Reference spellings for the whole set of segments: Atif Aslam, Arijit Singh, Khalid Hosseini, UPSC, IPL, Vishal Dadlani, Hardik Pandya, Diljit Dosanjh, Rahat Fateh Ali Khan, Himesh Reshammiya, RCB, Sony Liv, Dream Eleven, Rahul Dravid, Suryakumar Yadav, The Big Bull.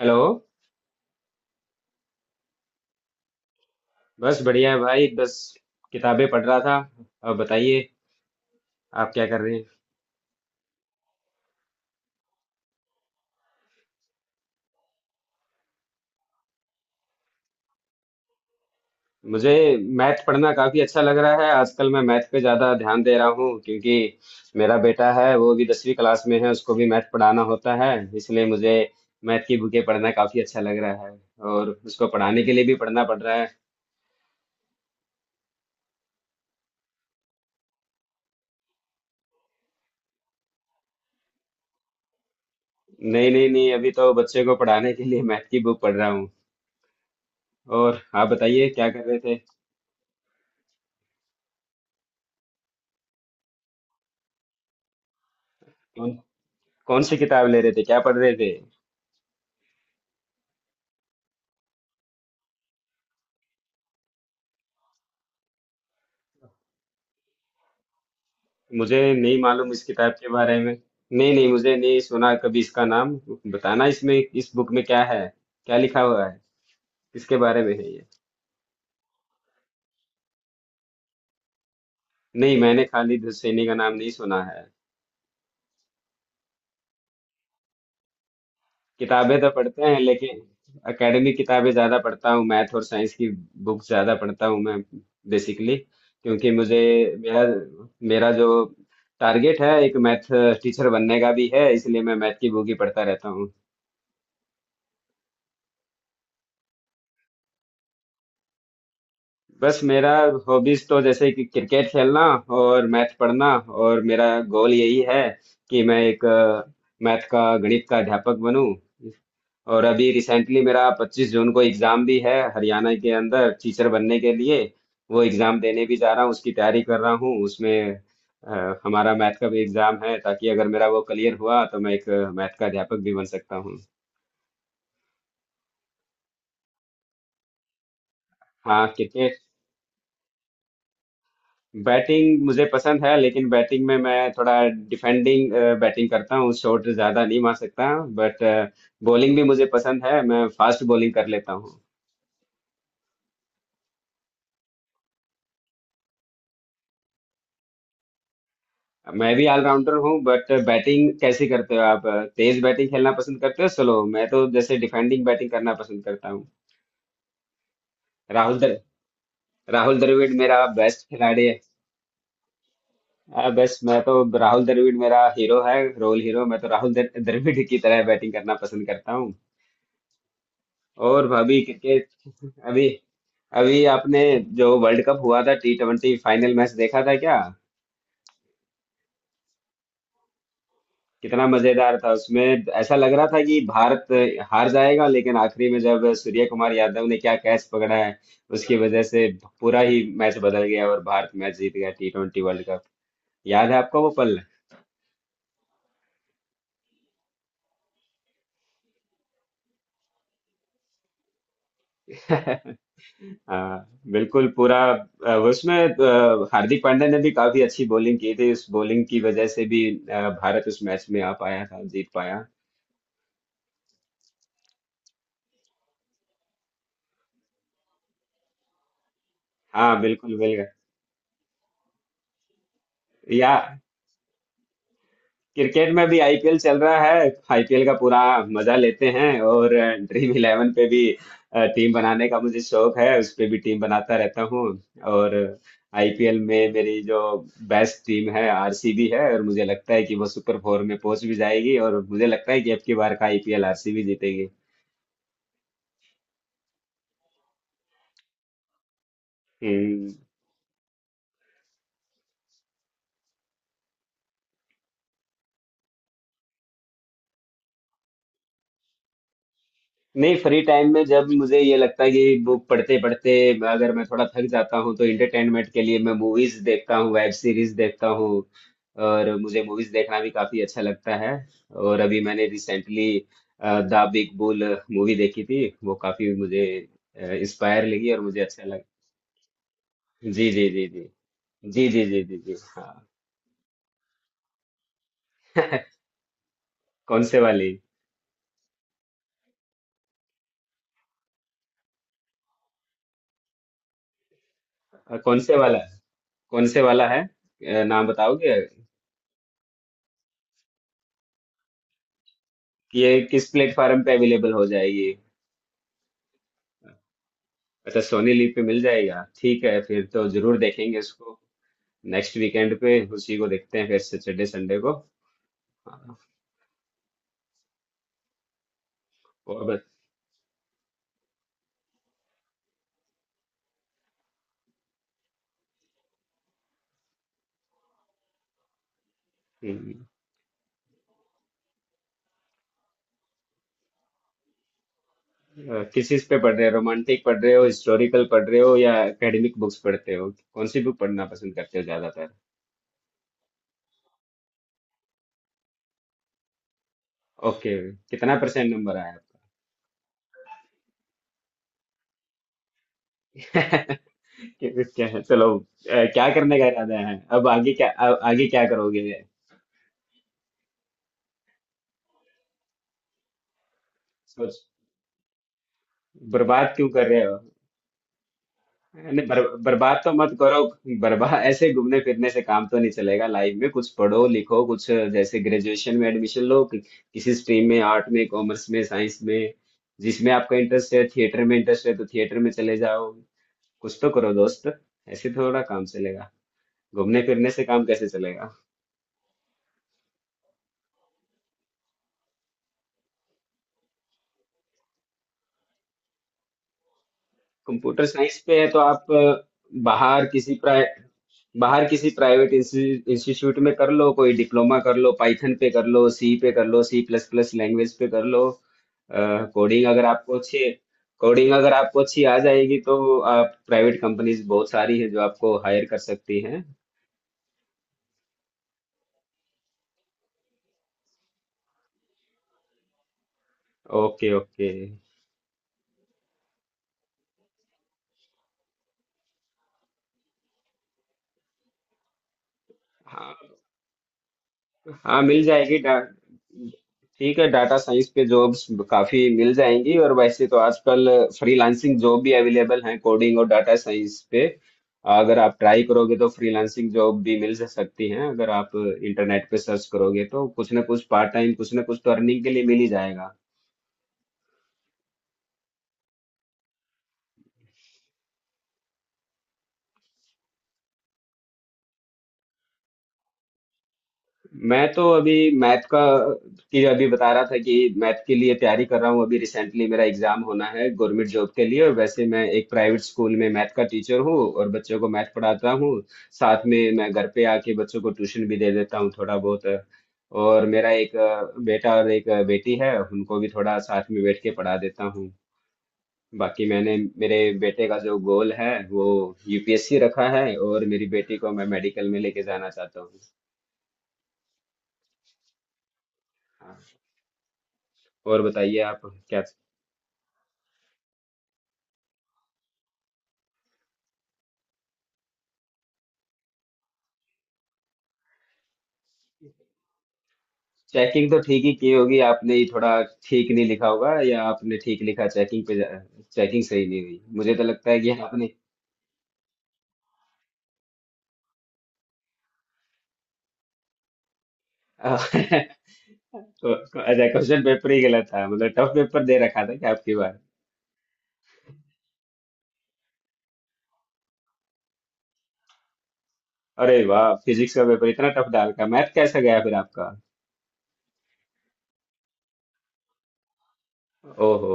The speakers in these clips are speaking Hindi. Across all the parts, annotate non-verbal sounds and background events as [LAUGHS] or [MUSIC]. हेलो। बस बढ़िया है भाई, बस किताबें पढ़ रहा था। अब बताइए, आप क्या कर रहे हैं? मुझे मैथ पढ़ना काफी अच्छा लग रहा है आजकल। मैं मैथ पे ज्यादा ध्यान दे रहा हूँ, क्योंकि मेरा बेटा है, वो भी 10वीं क्लास में है, उसको भी मैथ पढ़ाना होता है। इसलिए मुझे मैथ की बुकें पढ़ना काफी अच्छा लग रहा है और उसको पढ़ाने के लिए भी पढ़ना पड़ रहा है। नहीं नहीं नहीं, अभी तो बच्चे को पढ़ाने के लिए मैथ की बुक पढ़ रहा हूँ। और आप बताइए, क्या कर रहे थे? कौन कौन सी किताब ले रहे थे? क्या पढ़ रहे थे? मुझे नहीं मालूम इस किताब के बारे में। नहीं नहीं, मुझे नहीं सुना कभी इसका नाम। बताना, इसमें इस बुक में क्या है, क्या लिखा हुआ है, किसके बारे में है ये? नहीं, मैंने खालिद हुसैनी का नाम नहीं सुना है। किताबें तो पढ़ते हैं, लेकिन एकेडमिक किताबें ज्यादा पढ़ता हूँ, मैथ और साइंस की बुक ज्यादा पढ़ता हूँ मैं, बेसिकली। क्योंकि मुझे मेरा मेरा जो टारगेट है एक मैथ टीचर बनने का भी है, इसलिए मैं मैथ की बुक ही पढ़ता रहता हूँ। बस, मेरा हॉबीज तो जैसे कि क्रिकेट खेलना और मैथ पढ़ना, और मेरा गोल यही है कि मैं एक मैथ का, गणित का अध्यापक बनूं। और अभी रिसेंटली मेरा 25 जून को एग्जाम भी है हरियाणा के अंदर, टीचर बनने के लिए। वो एग्जाम देने भी जा रहा हूँ, उसकी तैयारी कर रहा हूँ। उसमें हमारा मैथ का भी एग्जाम है, ताकि अगर मेरा वो क्लियर हुआ तो मैं एक मैथ का अध्यापक भी बन सकता हूँ। हाँ, क्रिकेट बैटिंग मुझे पसंद है, लेकिन बैटिंग में मैं थोड़ा डिफेंडिंग बैटिंग करता हूँ, शॉट ज्यादा नहीं मार सकता। बट बॉलिंग भी मुझे पसंद है, मैं फास्ट बॉलिंग कर लेता हूँ। मैं भी ऑलराउंडर हूँ। बट बैटिंग कैसे करते हो आप? तेज बैटिंग खेलना पसंद करते हो, स्लो? मैं तो जैसे डिफेंडिंग बैटिंग करना पसंद करता हूँ। राहुल द्र, राहुल द्रविड़ मेरा बेस्ट खिलाड़ी है। बेस्ट, मैं तो राहुल द्रविड़, मेरा हीरो है, रोल हीरो। मैं तो द्रविड़ की तरह बैटिंग करना पसंद करता हूँ। और अभी क्रिकेट, अभी अभी आपने जो वर्ल्ड कप हुआ था, T20, फाइनल मैच देखा था क्या? कितना मजेदार था! उसमें ऐसा लग रहा था कि भारत हार जाएगा, लेकिन आखिरी में जब सूर्य कुमार यादव ने क्या कैच पकड़ा है, उसकी वजह से पूरा ही मैच बदल गया और भारत मैच जीत गया T20 वर्ल्ड कप। याद है आपको वो पल? [LAUGHS] हाँ बिल्कुल, पूरा उसमें हार्दिक पांड्या ने भी काफी अच्छी बॉलिंग की थी, उस बॉलिंग की वजह से भी भारत उस मैच में आ पाया था, जीत पाया। हाँ बिल्कुल बिल्कुल। या क्रिकेट में भी आईपीएल चल रहा है, आईपीएल का पूरा मजा लेते हैं। और Dream11 पे भी टीम बनाने का मुझे शौक है, उस पे भी टीम बनाता रहता हूँ। और आईपीएल में मेरी जो बेस्ट टीम है आरसीबी है, और मुझे लगता है कि वो सुपर फोर में पहुंच भी जाएगी, और मुझे लगता है कि अब की बार का आईपीएल आरसीबी जीतेगी। हम्म। नहीं, फ्री टाइम में जब मुझे ये लगता है कि बुक पढ़ते पढ़ते अगर मैं थोड़ा थक जाता हूँ, तो इंटरटेनमेंट के लिए मैं मूवीज देखता हूँ, वेब सीरीज देखता हूँ। और मुझे मूवीज देखना भी काफी अच्छा लगता है। और अभी मैंने recently the big bull movie देखी थी, वो काफी मुझे इंस्पायर लगी और मुझे अच्छा लगा। जी जी जी जी। जी जी जी जी जी, हाँ। [LAUGHS] कौन से वाली? कौन से वाला, कौन से वाला है, नाम बताओगे कि ये किस प्लेटफॉर्म पे अवेलेबल हो जाएगी? अच्छा, सोनी लिव पे मिल जाएगा, ठीक है, फिर तो जरूर देखेंगे इसको। नेक्स्ट वीकेंड पे उसी को देखते हैं फिर, सैटरडे संडे को। हाँ। और बस। हम्म। किस चीज पे पढ़ रहे हो, रोमांटिक पढ़ रहे हो, हिस्टोरिकल पढ़ रहे हो, या एकेडमिक बुक्स पढ़ते हो? कौन सी बुक पढ़ना पसंद करते हो ज्यादातर? ओके। कितना परसेंट नंबर आया आपका? [LAUGHS] क्या क्या है, चलो, क्या करने का इरादा है, अब आगे क्या, आगे क्या करोगे? सोच, बर्बाद क्यों कर रहे हो? नहीं, बर्बाद तो मत करो। बर्बाद ऐसे घूमने फिरने से काम तो नहीं चलेगा, लाइफ में कुछ पढ़ो लिखो, कुछ जैसे ग्रेजुएशन में एडमिशन लो किसी स्ट्रीम में, आर्ट में, कॉमर्स में, साइंस में, जिसमें आपका इंटरेस्ट है। थिएटर में इंटरेस्ट है तो थिएटर में चले जाओ, कुछ तो करो दोस्त। ऐसे थोड़ा काम चलेगा? घूमने फिरने से काम कैसे चलेगा? कंप्यूटर साइंस पे है, तो आप बाहर किसी, बाहर किसी प्राइवेट इंस्टीट्यूट में कर लो, कोई डिप्लोमा कर लो, पाइथन पे कर लो, सी पे कर लो, C++ लैंग्वेज पे कर लो। कोडिंग अगर आपको अच्छी, कोडिंग अगर आपको अच्छी आ जाएगी, तो आप, प्राइवेट कंपनीज बहुत सारी है जो आपको हायर कर सकती हैं। Okay okay. हाँ, हाँ मिल जाएगी डा ठीक है, डाटा साइंस पे जॉब्स काफी मिल जाएंगी। और वैसे तो आजकल फ्रीलांसिंग जॉब भी अवेलेबल हैं कोडिंग और डाटा साइंस पे, अगर आप ट्राई करोगे तो फ्रीलांसिंग जॉब भी मिल जा सकती हैं। अगर आप इंटरनेट पे सर्च करोगे तो कुछ ना कुछ पार्ट टाइम, कुछ ना कुछ तो अर्निंग के लिए मिल ही जाएगा। मैं तो अभी मैथ का, की अभी बता रहा था कि मैथ के लिए तैयारी कर रहा हूँ, अभी रिसेंटली मेरा एग्जाम होना है गवर्नमेंट जॉब के लिए। और वैसे मैं एक प्राइवेट स्कूल में मैथ का टीचर हूँ और बच्चों को मैथ पढ़ाता हूँ। साथ में मैं घर पे आके बच्चों को ट्यूशन भी दे देता हूँ, थोड़ा बहुत। और मेरा एक बेटा और एक बेटी है, उनको भी थोड़ा साथ में बैठ के पढ़ा देता हूँ। बाकी मैंने, मेरे बेटे का जो गोल है वो यूपीएससी रखा है, और मेरी बेटी को मैं मेडिकल में लेके जाना चाहता हूँ। हाँ। और बताइए आप, क्या? चेकिंग तो ठीक ही की होगी, आपने ही थोड़ा ठीक नहीं लिखा होगा, या आपने ठीक लिखा, चेकिंग पे चेकिंग सही नहीं हुई, मुझे तो लगता है कि आपने। [LAUGHS] तो अच्छा, क्वेश्चन पेपर ही गलत था मतलब, टफ पेपर दे रखा था क्या आपकी बार? अरे वाह, फिजिक्स का पेपर इतना टफ डाल का, मैथ कैसा गया फिर आपका? ओहो।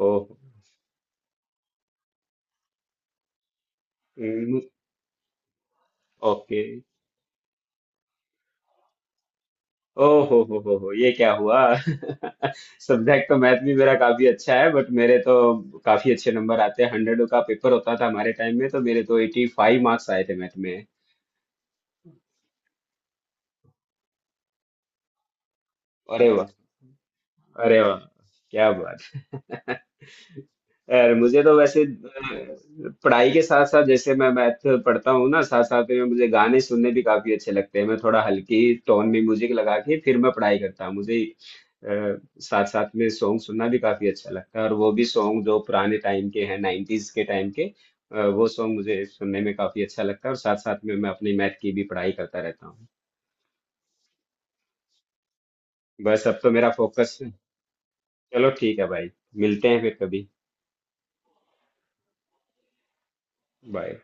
ओहो। ओके। ओ हो, ये क्या हुआ? [LAUGHS] सब्जेक्ट तो मैथ भी मेरा काफी अच्छा है, बट मेरे तो काफी अच्छे नंबर आते हैं। 100 का पेपर होता था हमारे टाइम में, तो मेरे तो 85 मार्क्स आए थे मैथ में। अरे वाह, अरे वाह, क्या बात। यार, मुझे तो वैसे पढ़ाई के साथ साथ, जैसे मैं मैथ पढ़ता हूँ ना, साथ साथ में मुझे गाने सुनने भी काफी अच्छे लगते हैं। मैं थोड़ा हल्की टोन में म्यूजिक लगा के फिर मैं पढ़ाई करता हूँ। मुझे साथ साथ में सॉन्ग सुनना भी काफी अच्छा लगता है, और वो भी सॉन्ग जो पुराने टाइम के हैं, 90s के टाइम के वो सॉन्ग, मुझे सुनने में काफी अच्छा लगता है, और साथ साथ में मैं अपनी मैथ की भी पढ़ाई करता रहता हूँ। बस अब तो मेरा फोकस। चलो ठीक है भाई, मिलते हैं फिर कभी। बाय।